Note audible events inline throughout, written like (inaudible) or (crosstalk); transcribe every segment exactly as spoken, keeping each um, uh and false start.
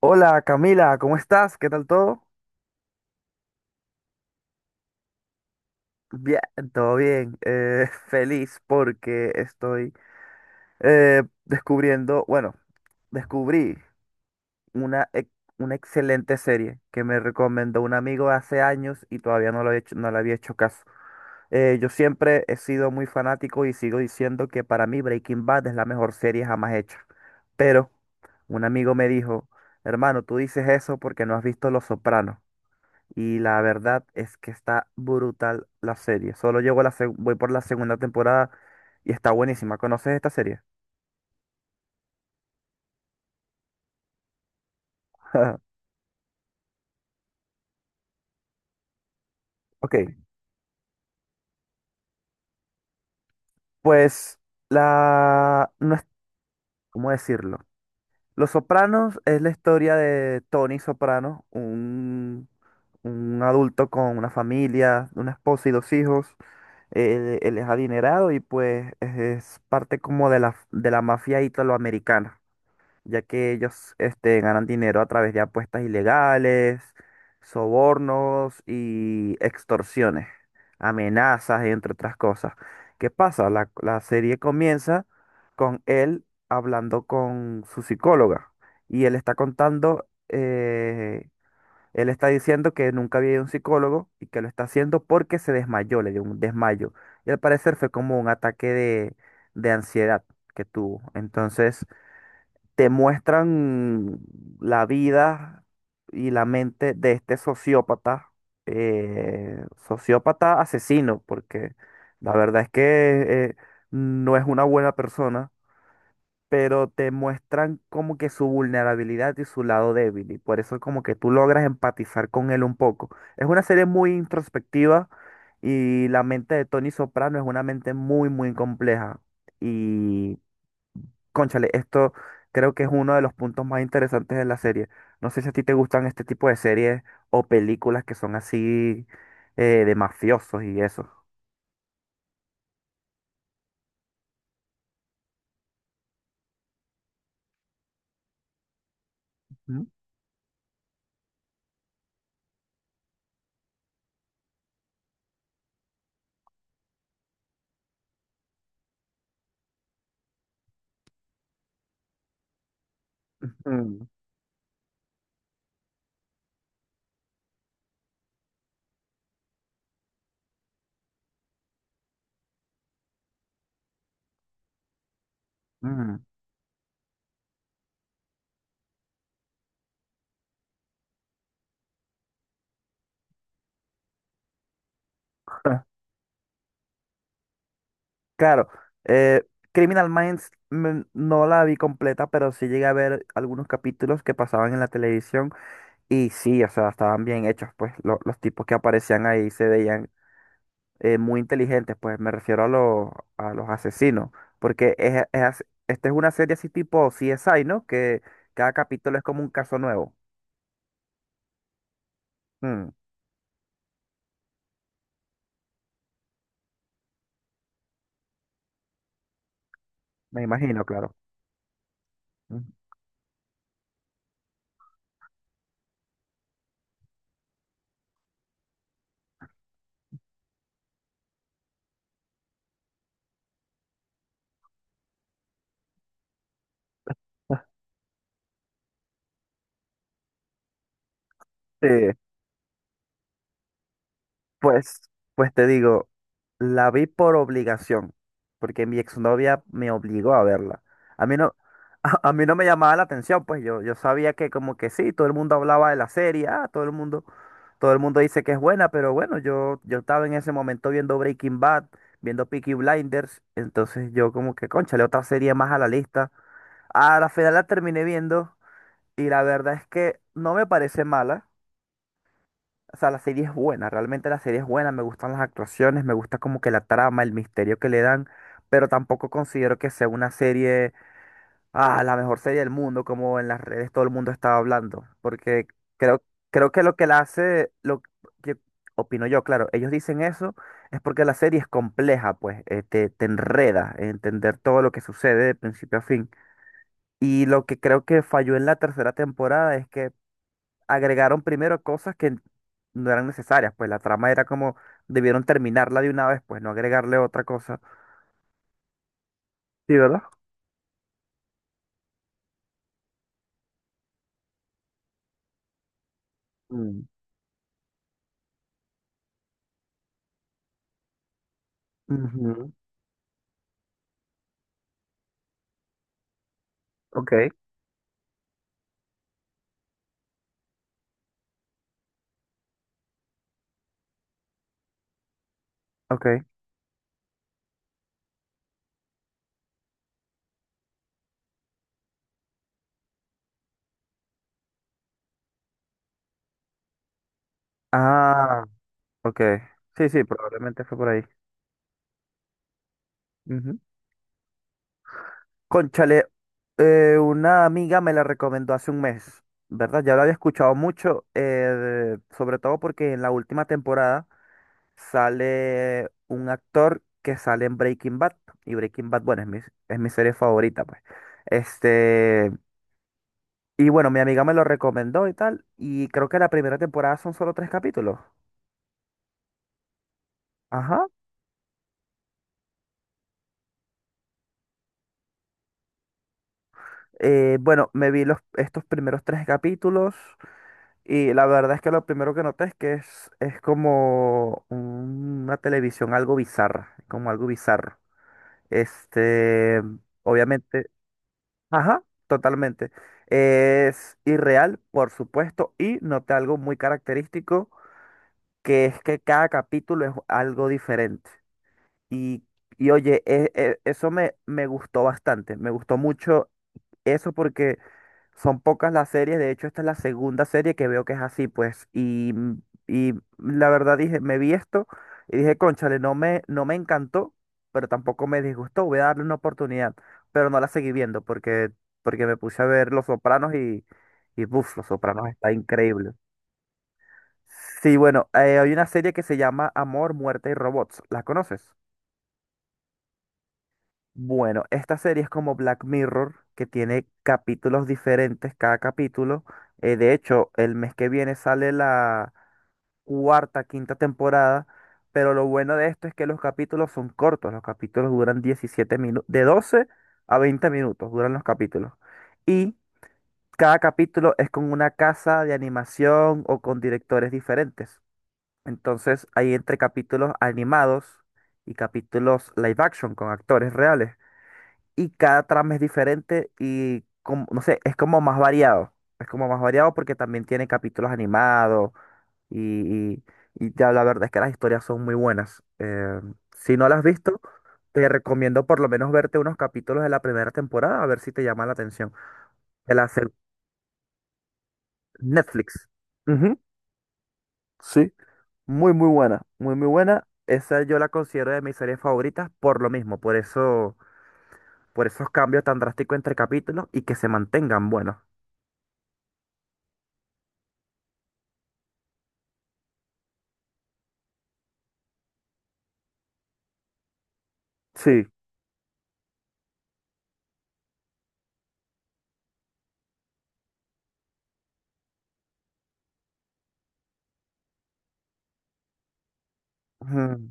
Hola, Camila, ¿cómo estás? ¿Qué tal todo? Bien, todo bien. Eh, (laughs) feliz porque estoy eh, descubriendo, bueno, descubrí una, ex- una excelente serie que me recomendó un amigo hace años y todavía no lo he hecho, no le había hecho caso. Eh, yo siempre he sido muy fanático y sigo diciendo que para mí Breaking Bad es la mejor serie jamás hecha. Pero un amigo me dijo, hermano, tú dices eso porque no has visto Los Sopranos. Y la verdad es que está brutal la serie. Solo llego a la seg- voy por la segunda temporada y está buenísima. ¿Conoces esta serie? (laughs) Ok, pues la... No es... ¿Cómo decirlo? Los Sopranos es la historia de Tony Soprano, un, un adulto con una familia, una esposa y dos hijos. Él, él es adinerado y pues es es parte como de la, de la mafia italoamericana, ya que ellos este, ganan dinero a través de apuestas ilegales, sobornos y extorsiones, amenazas, entre otras cosas. ¿Qué pasa? La, la serie comienza con él hablando con su psicóloga y él está contando, eh, él está diciendo que nunca había ido a un psicólogo y que lo está haciendo porque se desmayó, le dio un desmayo. Y al parecer fue como un ataque de, de ansiedad que tuvo. Entonces te muestran la vida y la mente de este sociópata, eh, sociópata asesino, porque la verdad es que eh, no es una buena persona, pero te muestran como que su vulnerabilidad y su lado débil, y por eso como que tú logras empatizar con él un poco. Es una serie muy introspectiva y la mente de Tony Soprano es una mente muy, muy compleja. Y cónchale, esto creo que es uno de los puntos más interesantes de la serie. No sé si a ti te gustan este tipo de series o películas que son así, eh, de mafiosos y eso. Mm, mm, mm. (laughs) Claro, eh, Criminal Minds, mm, no la vi completa, pero sí llegué a ver algunos capítulos que pasaban en la televisión y sí, o sea, estaban bien hechos, pues lo- los tipos que aparecían ahí se veían eh, muy inteligentes, pues me refiero a los, a los asesinos, porque es, es as- esta es una serie así tipo C S I, ¿no? Que cada capítulo es como un caso nuevo. Mm, me imagino, claro. Mm. Sí. Pues, pues te digo, la vi por obligación, porque mi exnovia me obligó a verla. A mí no, (laughs) a, a mí no me llamaba la atención, pues yo, yo sabía que como que sí, todo el mundo hablaba de la serie, ah, todo el mundo, todo el mundo dice que es buena, pero bueno, yo, yo estaba en ese momento viendo Breaking Bad, viendo Peaky Blinders, entonces yo como que, cónchale, otra serie más a la lista. A la final la terminé viendo y la verdad es que no me parece mala. O sea, la serie es buena, realmente la serie es buena, me gustan las actuaciones, me gusta como que la trama, el misterio que le dan, pero tampoco considero que sea una serie, ah, la mejor serie del mundo, como en las redes todo el mundo estaba hablando, porque creo, creo que lo que la hace, lo que opino yo, claro, ellos dicen eso, es porque la serie es compleja, pues, eh, te, te enreda en entender todo lo que sucede de principio a fin. Y lo que creo que falló en la tercera temporada es que agregaron primero cosas que no eran necesarias, pues la trama era como debieron terminarla de una vez, pues no agregarle otra cosa. Sí, ¿verdad? Mm. Ujú. Ok, ok. Ah, ok. Sí, sí, probablemente fue por ahí. Ujú. Cónchale, eh, una amiga me la recomendó hace un mes, ¿verdad? Ya lo había escuchado mucho, eh, sobre todo porque en la última temporada sale un actor que sale en Breaking Bad. Y Breaking Bad, bueno, es mi, es mi serie favorita, pues. Este, y bueno, mi amiga me lo recomendó y tal. Y creo que la primera temporada son solo tres capítulos. Ajá. Eh, bueno, me vi los, estos primeros tres capítulos. Y la verdad es que lo primero que noté es que es, es como una televisión algo bizarra. Como algo bizarro. Este, obviamente. Ajá, totalmente. Es irreal, por supuesto, y noté algo muy característico, que es que cada capítulo es algo diferente. Y, y oye, e- e- eso me, me gustó bastante, me gustó mucho eso porque son pocas las series, de hecho esta es la segunda serie que veo que es así, pues, y, mm, y la verdad dije, me vi esto y dije, cónchale, no me, no me encantó, pero tampoco me disgustó, voy a darle una oportunidad, pero no la seguí viendo porque, porque me puse a ver Los Sopranos y, y buf, Los Sopranos está increíble. Sí, bueno, eh, hay una serie que se llama Amor, Muerte y Robots, ¿la conoces? Bueno, esta serie es como Black Mirror, que tiene capítulos diferentes cada capítulo. Eh, de hecho, el mes que viene sale la cuarta, quinta temporada, pero lo bueno de esto es que los capítulos son cortos, los capítulos duran diecisiete minutos, de doce a veinte minutos duran los capítulos. Y cada capítulo es con una casa de animación o con directores diferentes. Entonces, hay entre capítulos animados y capítulos live action con actores reales y cada trama es diferente y como, no sé, es como más variado. Es como más variado porque también tiene capítulos animados y, y, y ya la verdad es que las historias son muy buenas. Eh, si no las has visto, te recomiendo por lo menos verte unos capítulos de la primera temporada a ver si te llama la atención. De la se- Netflix. Ujú, sí, muy muy buena, muy muy buena. Esa yo la considero de mis series favoritas por lo mismo, por eso, por esos cambios tan drásticos entre capítulos y que se mantengan buenos. Sí. Ujú.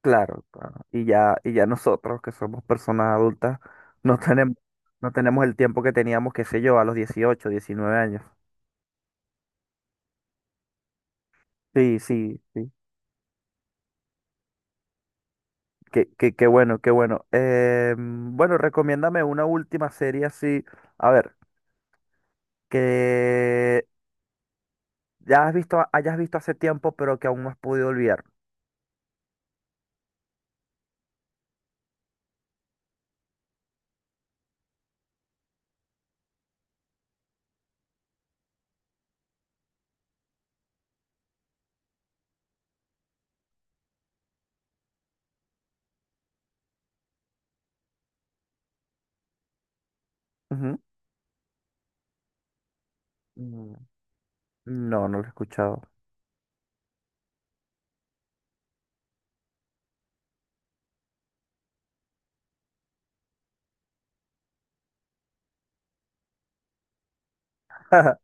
Claro, claro. Y ya, y ya nosotros, que somos personas adultas, no tenemos, no tenemos el tiempo que teníamos, qué sé yo, a los dieciocho diecinueve años. Sí, sí, sí. Qué, qué, qué bueno, qué bueno. Eh, bueno, recomiéndame una última serie así. A ver, que ya has visto, hayas visto hace tiempo, pero que aún no has podido olvidar. Ujú. Mm, no, no lo he escuchado. (laughs)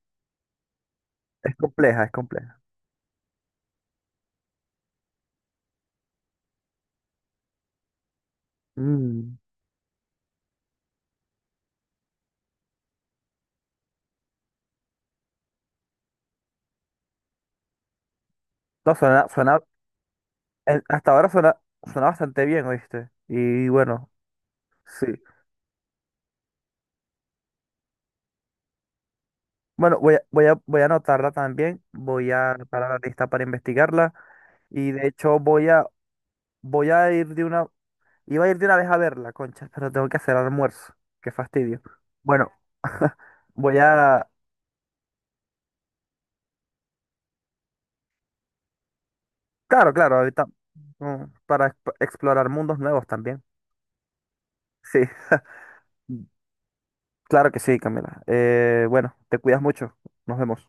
Es compleja, es compleja. Mm. No, suena, suena, el- hasta ahora suena, suena bastante bien, ¿oíste? Y bueno, sí. Bueno, voy a, voy a, voy a anotarla también, voy a anotar la lista para investigarla y de hecho voy a, voy a ir de una, iba a ir de una vez a verla, concha, pero tengo que hacer almuerzo, qué fastidio. Bueno, (laughs) voy a, claro, claro, ahorita, mm, para exp- explorar mundos nuevos también. Sí, claro que sí, Camila. Eh, bueno, te cuidas mucho, nos vemos.